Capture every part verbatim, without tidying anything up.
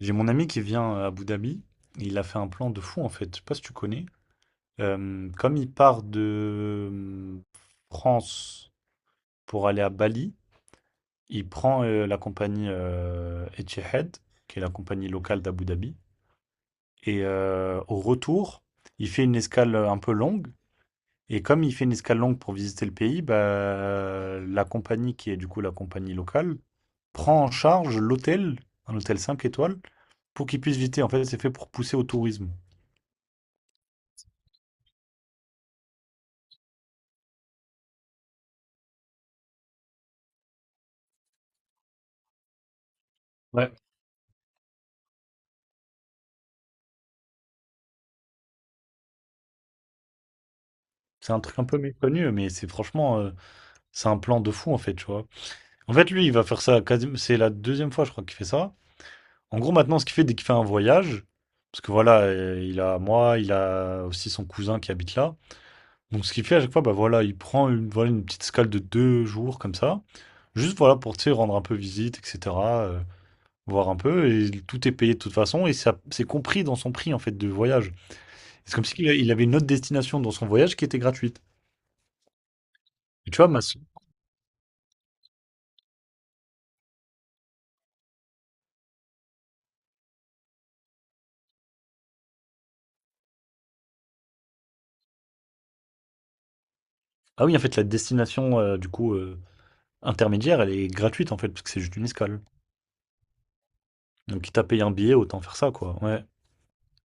J'ai mon ami qui vient à Abu Dhabi. Il a fait un plan de fou en fait. Je sais pas si tu connais. Euh, comme il part de euh, France pour aller à Bali, il prend euh, la compagnie euh, Etihad, qui est la compagnie locale d'Abu Dhabi. Et euh, au retour, il fait une escale un peu longue. Et comme il fait une escale longue pour visiter le pays, bah, la compagnie qui est du coup la compagnie locale prend en charge l'hôtel, un hôtel cinq étoiles, pour qu'il puisse visiter. En fait, c'est fait pour pousser au tourisme. Ouais, c'est un truc un peu méconnu, mais c'est franchement, euh, c'est un plan de fou en fait, tu vois. En fait, lui, il va faire ça, quasi- c'est la deuxième fois, je crois, qu'il fait ça. En gros, maintenant, ce qu'il fait dès qu'il fait un voyage, parce que voilà, euh, il a moi, il a aussi son cousin qui habite là. Donc, ce qu'il fait à chaque fois, bah voilà, il prend une, voilà, une petite escale de deux jours comme ça, juste voilà pour, tu sais, rendre un peu visite, et cetera, euh, voir un peu, et tout est payé de toute façon, et ça, c'est compris dans son prix en fait de voyage. C'est comme s'il il avait une autre destination dans son voyage qui était gratuite. Et tu vois, ma, ah oui, en fait, la destination, heu, du coup, heu, intermédiaire, elle est gratuite, en fait, parce que c'est juste une escale. Donc quitte à payer un billet, autant faire ça, quoi. Ouais,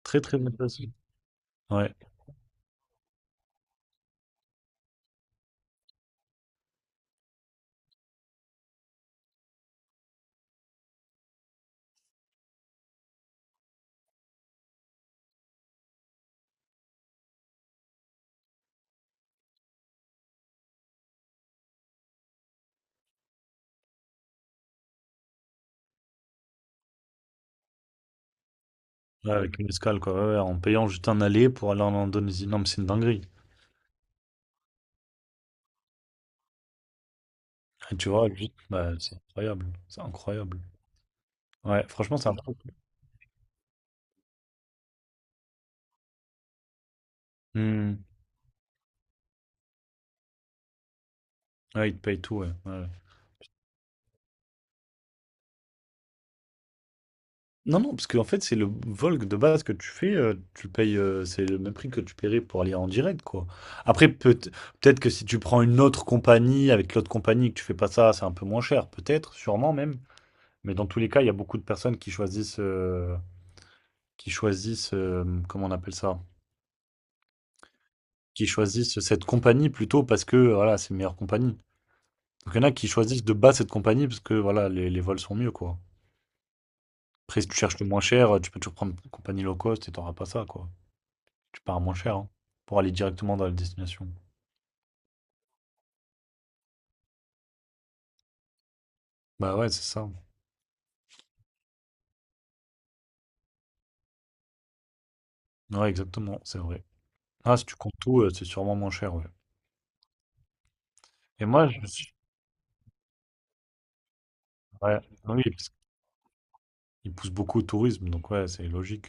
très, très bonne place. Ouais, ouais, avec une escale, quoi. Ouais, ouais, en payant juste un aller pour aller en Indonésie. Non, mais c'est une dinguerie. Et tu vois, juste, bah, c'est incroyable, c'est incroyable. Ouais, franchement, c'est un truc. Mmh. Ouais, ils te payent tout, ouais. Ouais, ouais. Non, non, parce qu'en fait, c'est le vol de base que tu fais, euh, tu le payes, euh, c'est le même prix que tu paierais pour aller en direct, quoi. Après, peut- peut-être que si tu prends une autre compagnie, avec l'autre compagnie, que tu fais pas ça, c'est un peu moins cher, peut-être, sûrement même. Mais dans tous les cas, il y a beaucoup de personnes qui choisissent, euh, qui choisissent, euh, comment on appelle ça? Qui choisissent cette compagnie plutôt parce que, voilà, c'est une meilleure compagnie. Donc, il y en a qui choisissent de base cette compagnie parce que, voilà, les, les vols sont mieux, quoi. Après, si tu cherches le moins cher, tu peux toujours prendre une compagnie low cost et t'auras pas ça, quoi. Tu pars moins cher, hein, pour aller directement dans la destination. Bah ouais, c'est ça. Ouais, exactement, c'est vrai. Ah, si tu comptes tout, euh, c'est sûrement moins cher, ouais. Et moi, je suis. Ouais, ah oui, parce qu'ils poussent beaucoup au tourisme, donc ouais, c'est logique.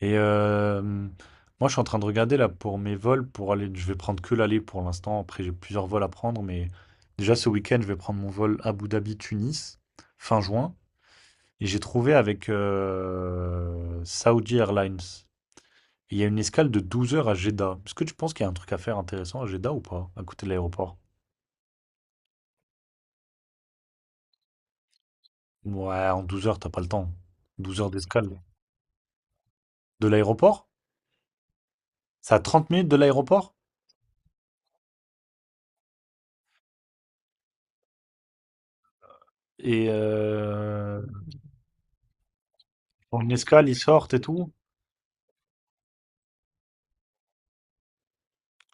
Et euh, moi, je suis en train de regarder, là, pour mes vols, pour aller. Je vais prendre que l'aller pour l'instant. Après, j'ai plusieurs vols à prendre, mais déjà, ce week-end, je vais prendre mon vol Abu Dhabi-Tunis, fin juin. Et j'ai trouvé avec euh, Saudi Airlines. Il y a une escale de douze heures à Jeddah. Est-ce que tu penses qu'il y a un truc à faire intéressant à Jeddah ou pas, à côté de l'aéroport? Ouais, en douze heures, t'as pas le temps. Douze heures d'escale. De l'aéroport? C'est à trente minutes de l'aéroport? Et euh, ils font une escale, ils sortent et tout.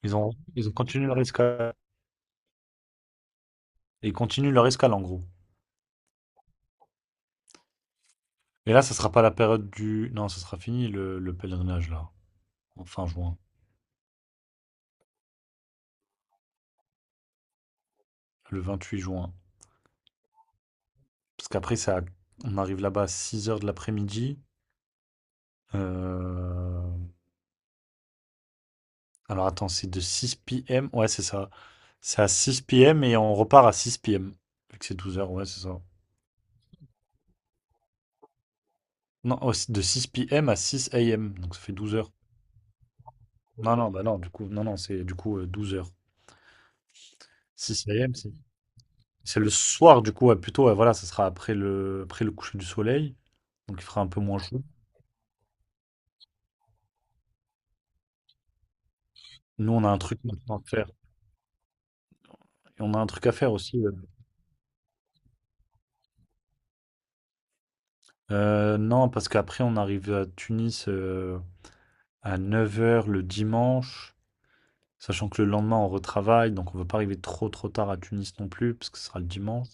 Ils ont, ils ont continué leur escale. Ils continuent leur escale en gros. Et là, ça sera pas la période du. Non, ça sera fini le, le pèlerinage là, en fin juin, le vingt-huit juin. Parce qu'après, ça, on arrive là-bas à six heures de l'après-midi. Euh, Alors attends, c'est de six p m. Ouais, c'est ça. C'est à six p m et on repart à six p m. Vu que c'est douze heures, ouais, c'est ça. Non, oh, c'est de six p m à six a m. Donc ça fait douze heures. Non, non, bah non, du coup, non, non, c'est du coup euh, douze heures. six a m, c'est c'est le soir, du coup, ouais, plutôt, ouais, voilà, ça sera après le, après le coucher du soleil. Donc il fera un peu moins chaud. Nous, on a un truc maintenant à faire. Et on a un truc à faire aussi, ouais. Euh, non, parce qu'après, on arrive à Tunis euh, à neuf heures le dimanche. Sachant que le lendemain, on retravaille, donc on ne veut pas arriver trop trop tard à Tunis non plus, parce que ce sera le dimanche.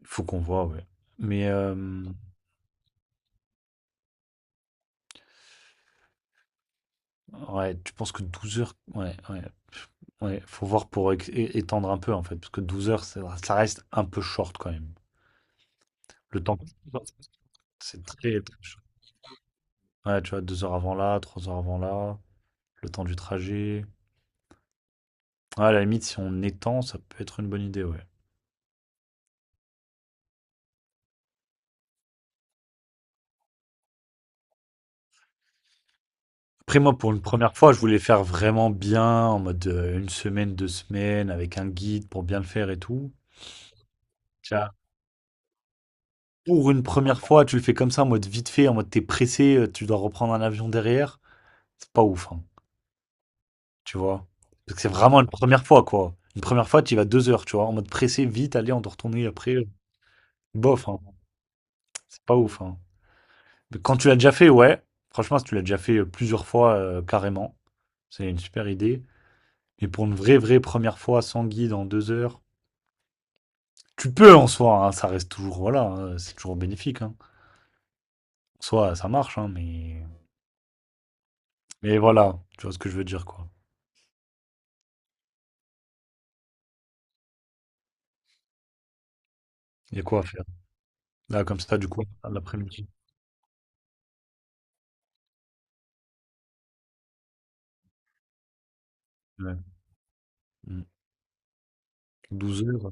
Il faut qu'on voit, ouais. Mais euh, ouais, tu penses que douze heures, ouais, ouais, pff, ouais, faut voir pour é- é- étendre un peu en fait, parce que douze heures, ça, ça reste un peu short quand même. Le temps, c'est très, très short. Ouais, tu vois, deux heures avant là, trois heures avant là, le temps du trajet. Ouais, à la limite, si on étend, ça peut être une bonne idée, ouais. Après, moi, pour une première fois, je voulais faire vraiment bien, en mode euh, une semaine, deux semaines, avec un guide pour bien le faire et tout. Tiens. Pour une première fois, tu le fais comme ça, en mode vite fait, en mode t'es pressé, euh, tu dois reprendre un avion derrière. C'est pas ouf, hein, tu vois. Parce que c'est vraiment une première fois, quoi. Une première fois, tu y vas deux heures, tu vois, en mode pressé, vite, allez, on doit retourner après. euh, Bof, hein. C'est pas ouf, hein. Mais quand tu l'as déjà fait, ouais. Franchement, si tu l'as déjà fait euh, plusieurs fois, euh, carrément, c'est une super idée. Mais pour une vraie, vraie première fois sans guide en deux heures, tu peux en soi, hein, ça reste toujours, voilà, hein, c'est toujours bénéfique. Hein. En soi, ça marche, hein, mais... mais voilà, tu vois ce que je veux dire, quoi. Il y a quoi à faire? Là, comme ça, du coup, à l'après-midi. Ouais. Mm. douze heures.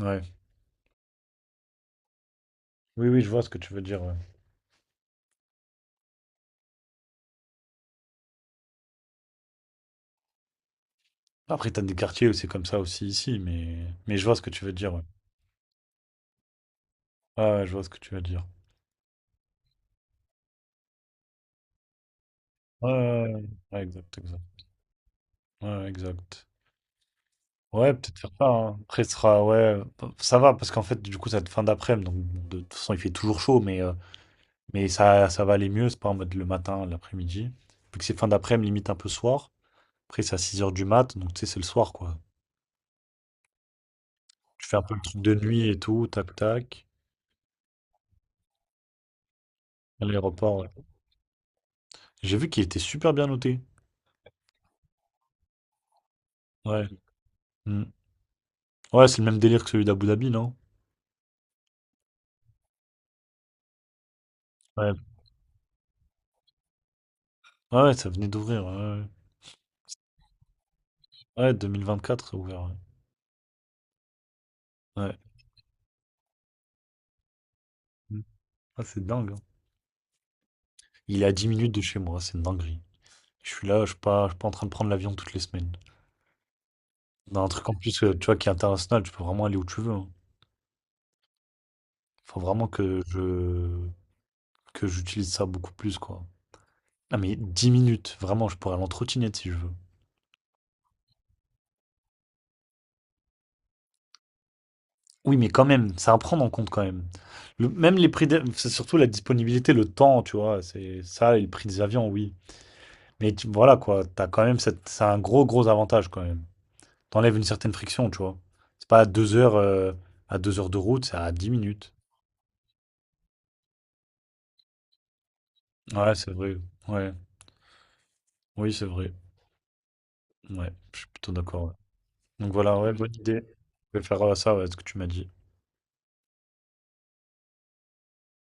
Ouais. Oui, oui, je vois ce que tu veux dire, ouais. Après, t'as des quartiers où c'est comme ça aussi ici, mais... mais je vois ce que tu veux dire, ouais. Ouais, ouais, je vois ce que tu veux dire. Ouais, ouais, ouais. Ouais, exact, exact. Ouais, ouais, exact. Ouais, peut-être faire ça, hein. Après, ce sera, ouais, ça va, parce qu'en fait, du coup, ça va être fin d'après-midi, donc de toute façon, il fait toujours chaud, mais euh, Mais ça, ça va aller mieux, c'est pas en mode le matin, l'après-midi. Vu que c'est fin d'après-midi, limite un peu soir. Après, c'est à six heures du mat, donc tu sais, c'est le soir, quoi. Tu fais un peu le truc de nuit et tout, tac, tac. À l'aéroport, ouais. J'ai vu qu'il était super bien noté. Ouais. Mm. Ouais, c'est le même délire que celui d'Abu Dhabi, non? Ouais. Ouais, ouais, ça venait d'ouvrir. Ouais, ouais. Ouais, deux mille vingt-quatre, ça a ouvert. Ouais. Ouais. Mm. Ah, c'est dingue, hein. Il est à dix minutes de chez moi, c'est une dinguerie. Je suis là, je suis pas, je suis pas en train de prendre l'avion toutes les semaines. Dans un truc en plus, euh, tu vois, qui est international, tu peux vraiment aller où tu veux, hein. Faut vraiment que je que j'utilise ça beaucoup plus, quoi. Ah mais dix minutes, vraiment, je pourrais l'entretinette si je veux. Oui, mais quand même, c'est à prendre en compte quand même. Le- même les prix, des- c'est surtout la disponibilité, le temps, tu vois, c'est ça et le prix des avions, oui. Mais tu- voilà quoi, t'as quand même cette, c'est un gros gros avantage quand même. T'enlèves une certaine friction, tu vois. C'est pas à deux heures, euh, à deux heures de route, c'est à dix minutes. Ouais, c'est vrai. Ouais, oui, c'est vrai. Ouais, je suis plutôt d'accord, ouais. Donc voilà, ouais, bonne idée. Je vais faire euh, ça, ouais, ce que tu m'as dit.